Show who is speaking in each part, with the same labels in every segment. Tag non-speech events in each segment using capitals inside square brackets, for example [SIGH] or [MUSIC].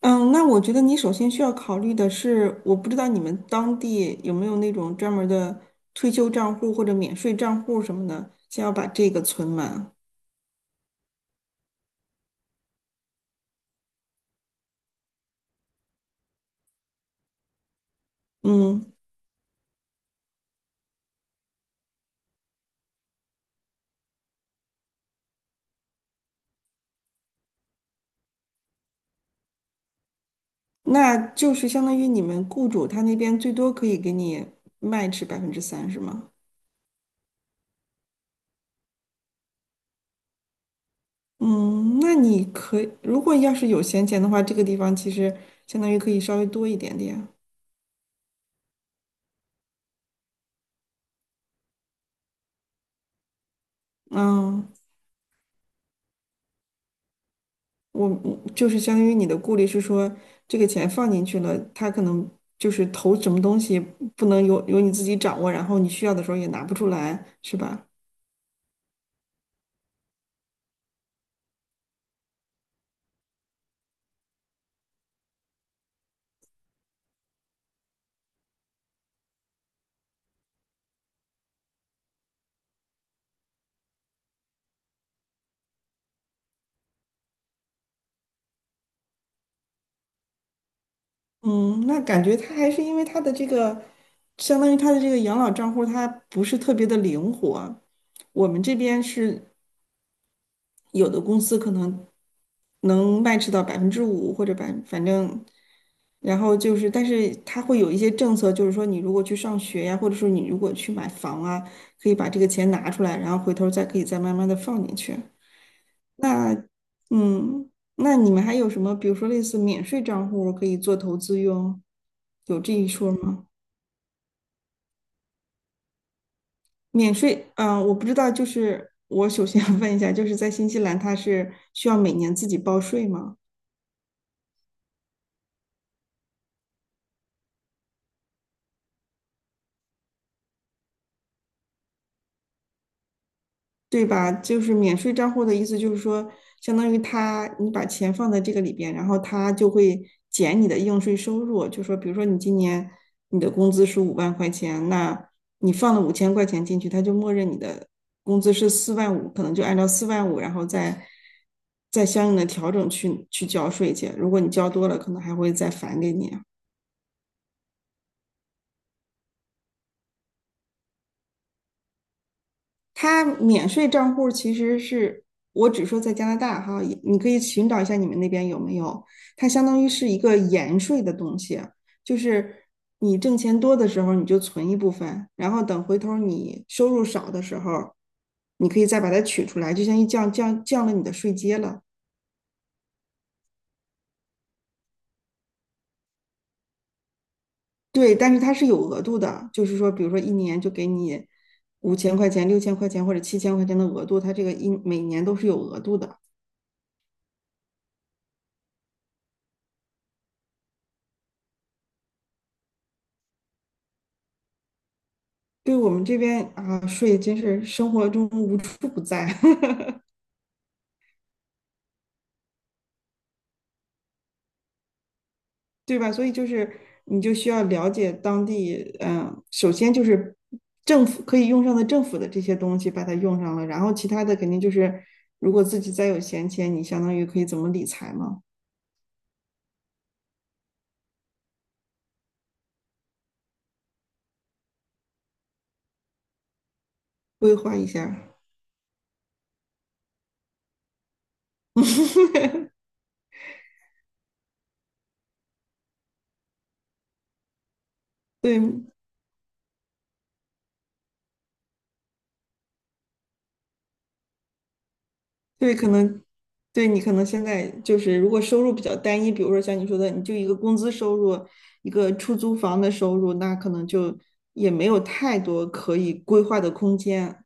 Speaker 1: 嗯，那我觉得你首先需要考虑的是，我不知道你们当地有没有那种专门儿的退休账户或者免税账户什么的，先要把这个存满。嗯，那就是相当于你们雇主他那边最多可以给你 match 3%，是吗？嗯，那你可以，如果要是有闲钱的话，这个地方其实相当于可以稍微多一点点。嗯。我就是相当于你的顾虑是说，这个钱放进去了，他可能就是投什么东西不能由你自己掌握，然后你需要的时候也拿不出来，是吧？嗯，那感觉他还是因为他的这个，相当于他的这个养老账户它不是特别的灵活。我们这边是有的公司可能能 match 到5%或者百，反正，然后就是，但是它会有一些政策，就是说你如果去上学呀，或者说你如果去买房啊，可以把这个钱拿出来，然后回头再可以再慢慢的放进去。那，嗯，那你们还有什么，比如说类似免税账户可以做投资用，有这一说吗？免税，我不知道，就是我首先 [LAUGHS] 要问一下，就是在新西兰它是需要每年自己报税吗？对吧？就是免税账户的意思，就是说，相当于他你把钱放在这个里边，然后他就会减你的应税收入。就说，比如说你今年你的工资是50000块钱，那你放了5000块钱进去，他就默认你的工资是四万五，可能就按照四万五，然后再相应的调整去交税去。如果你交多了，可能还会再返给你啊。它免税账户其实是我只说在加拿大哈，也你可以寻找一下你们那边有没有。它相当于是一个延税的东西，就是你挣钱多的时候你就存一部分，然后等回头你收入少的时候，你可以再把它取出来，就相当于降了你的税阶了。对，但是它是有额度的，就是说，比如说一年就给你五千块钱、6000块钱或者7000块钱的额度，它这个一每年都是有额度的。对我们这边啊，税真是生活中无处不在，[LAUGHS] 对吧？所以就是你就需要了解当地，嗯，首先就是政府可以用上的政府的这些东西把它用上了，然后其他的肯定就是如果自己再有闲钱，你相当于可以怎么理财嘛，规划一下。[LAUGHS] 对，对，可能对你可能现在就是，如果收入比较单一，比如说像你说的，你就一个工资收入，一个出租房的收入，那可能就也没有太多可以规划的空间。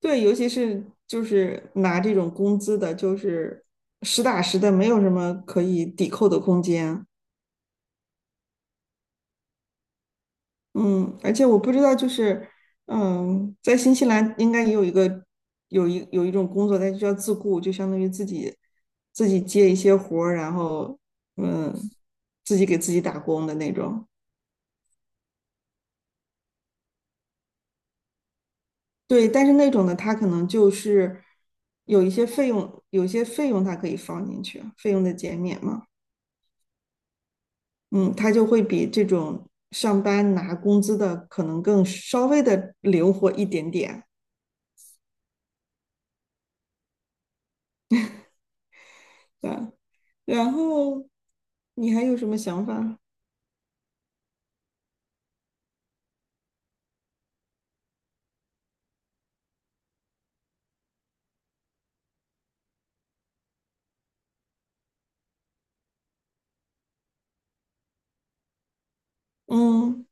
Speaker 1: 对，尤其是就是拿这种工资的，就是实打实的，没有什么可以抵扣的空间。嗯，而且我不知道，就是，嗯，在新西兰应该也有一个有一种工作，它就叫自雇，就相当于自己接一些活儿，然后嗯，自己给自己打工的那种。对，但是那种的，他可能就是有一些费用它可以放进去，费用的减免嘛。嗯，他就会比这种上班拿工资的可能更稍微的灵活一点点。对，然后你还有什么想法？嗯，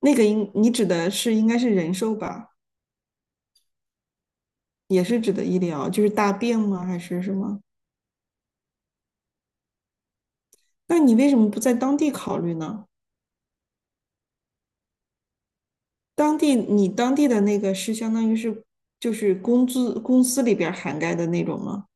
Speaker 1: 那个应你指的是应该是人寿吧，也是指的医疗，就是大病吗？还是什么？那你为什么不在当地考虑呢？当地你当地的那个是相当于是就是工资公司里边儿涵盖的那种吗？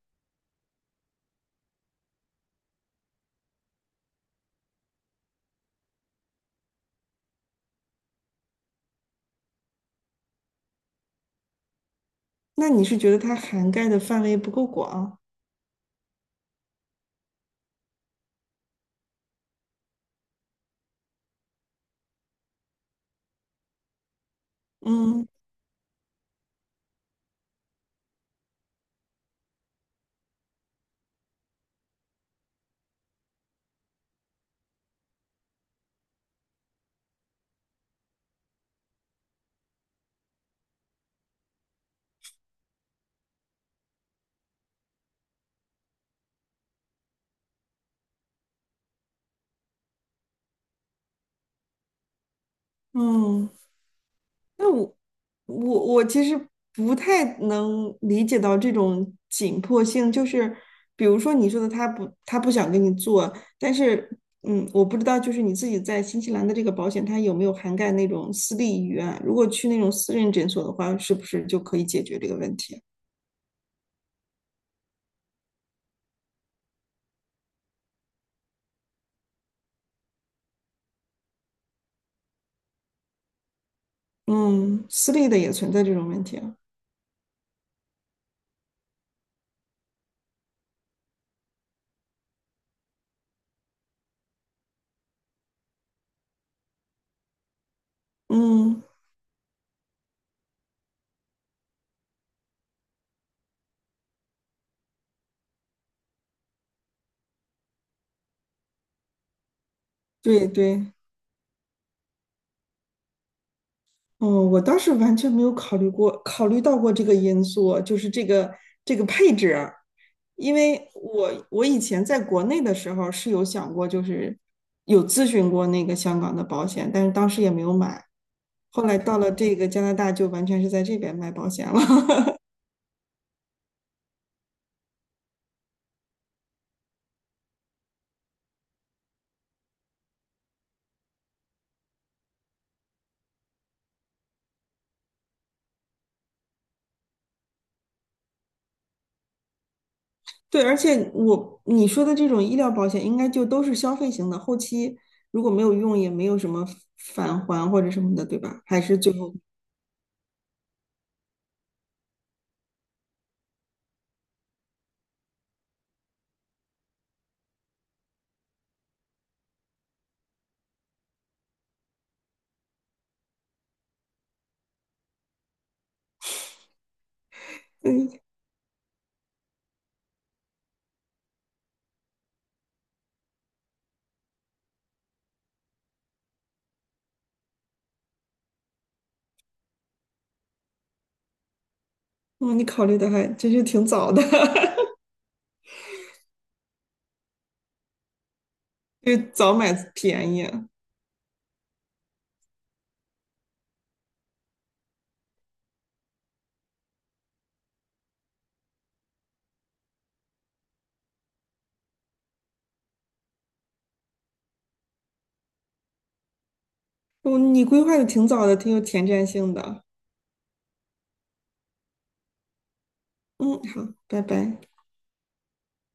Speaker 1: 那你是觉得它涵盖的范围不够广？嗯嗯。那我我其实不太能理解到这种紧迫性，就是比如说你说的他不想跟你做，但是嗯，我不知道就是你自己在新西兰的这个保险，它有没有涵盖那种私立医院？如果去那种私人诊所的话，是不是就可以解决这个问题？嗯，私立的也存在这种问题啊。嗯，对对。哦，我倒是完全没有考虑过，考虑过这个因素，就是这个配置。因为我以前在国内的时候是有想过，就是有咨询过那个香港的保险，但是当时也没有买。后来到了这个加拿大，就完全是在这边卖保险了。[LAUGHS] 对，而且我你说的这种医疗保险，应该就都是消费型的，后期如果没有用，也没有什么返还或者什么的，对吧？还是最后，嗯，哦，你考虑的还真是挺早的，[LAUGHS] 就早买便宜。嗯，哦你规划的挺早的，挺有前瞻性的。嗯，好，拜拜。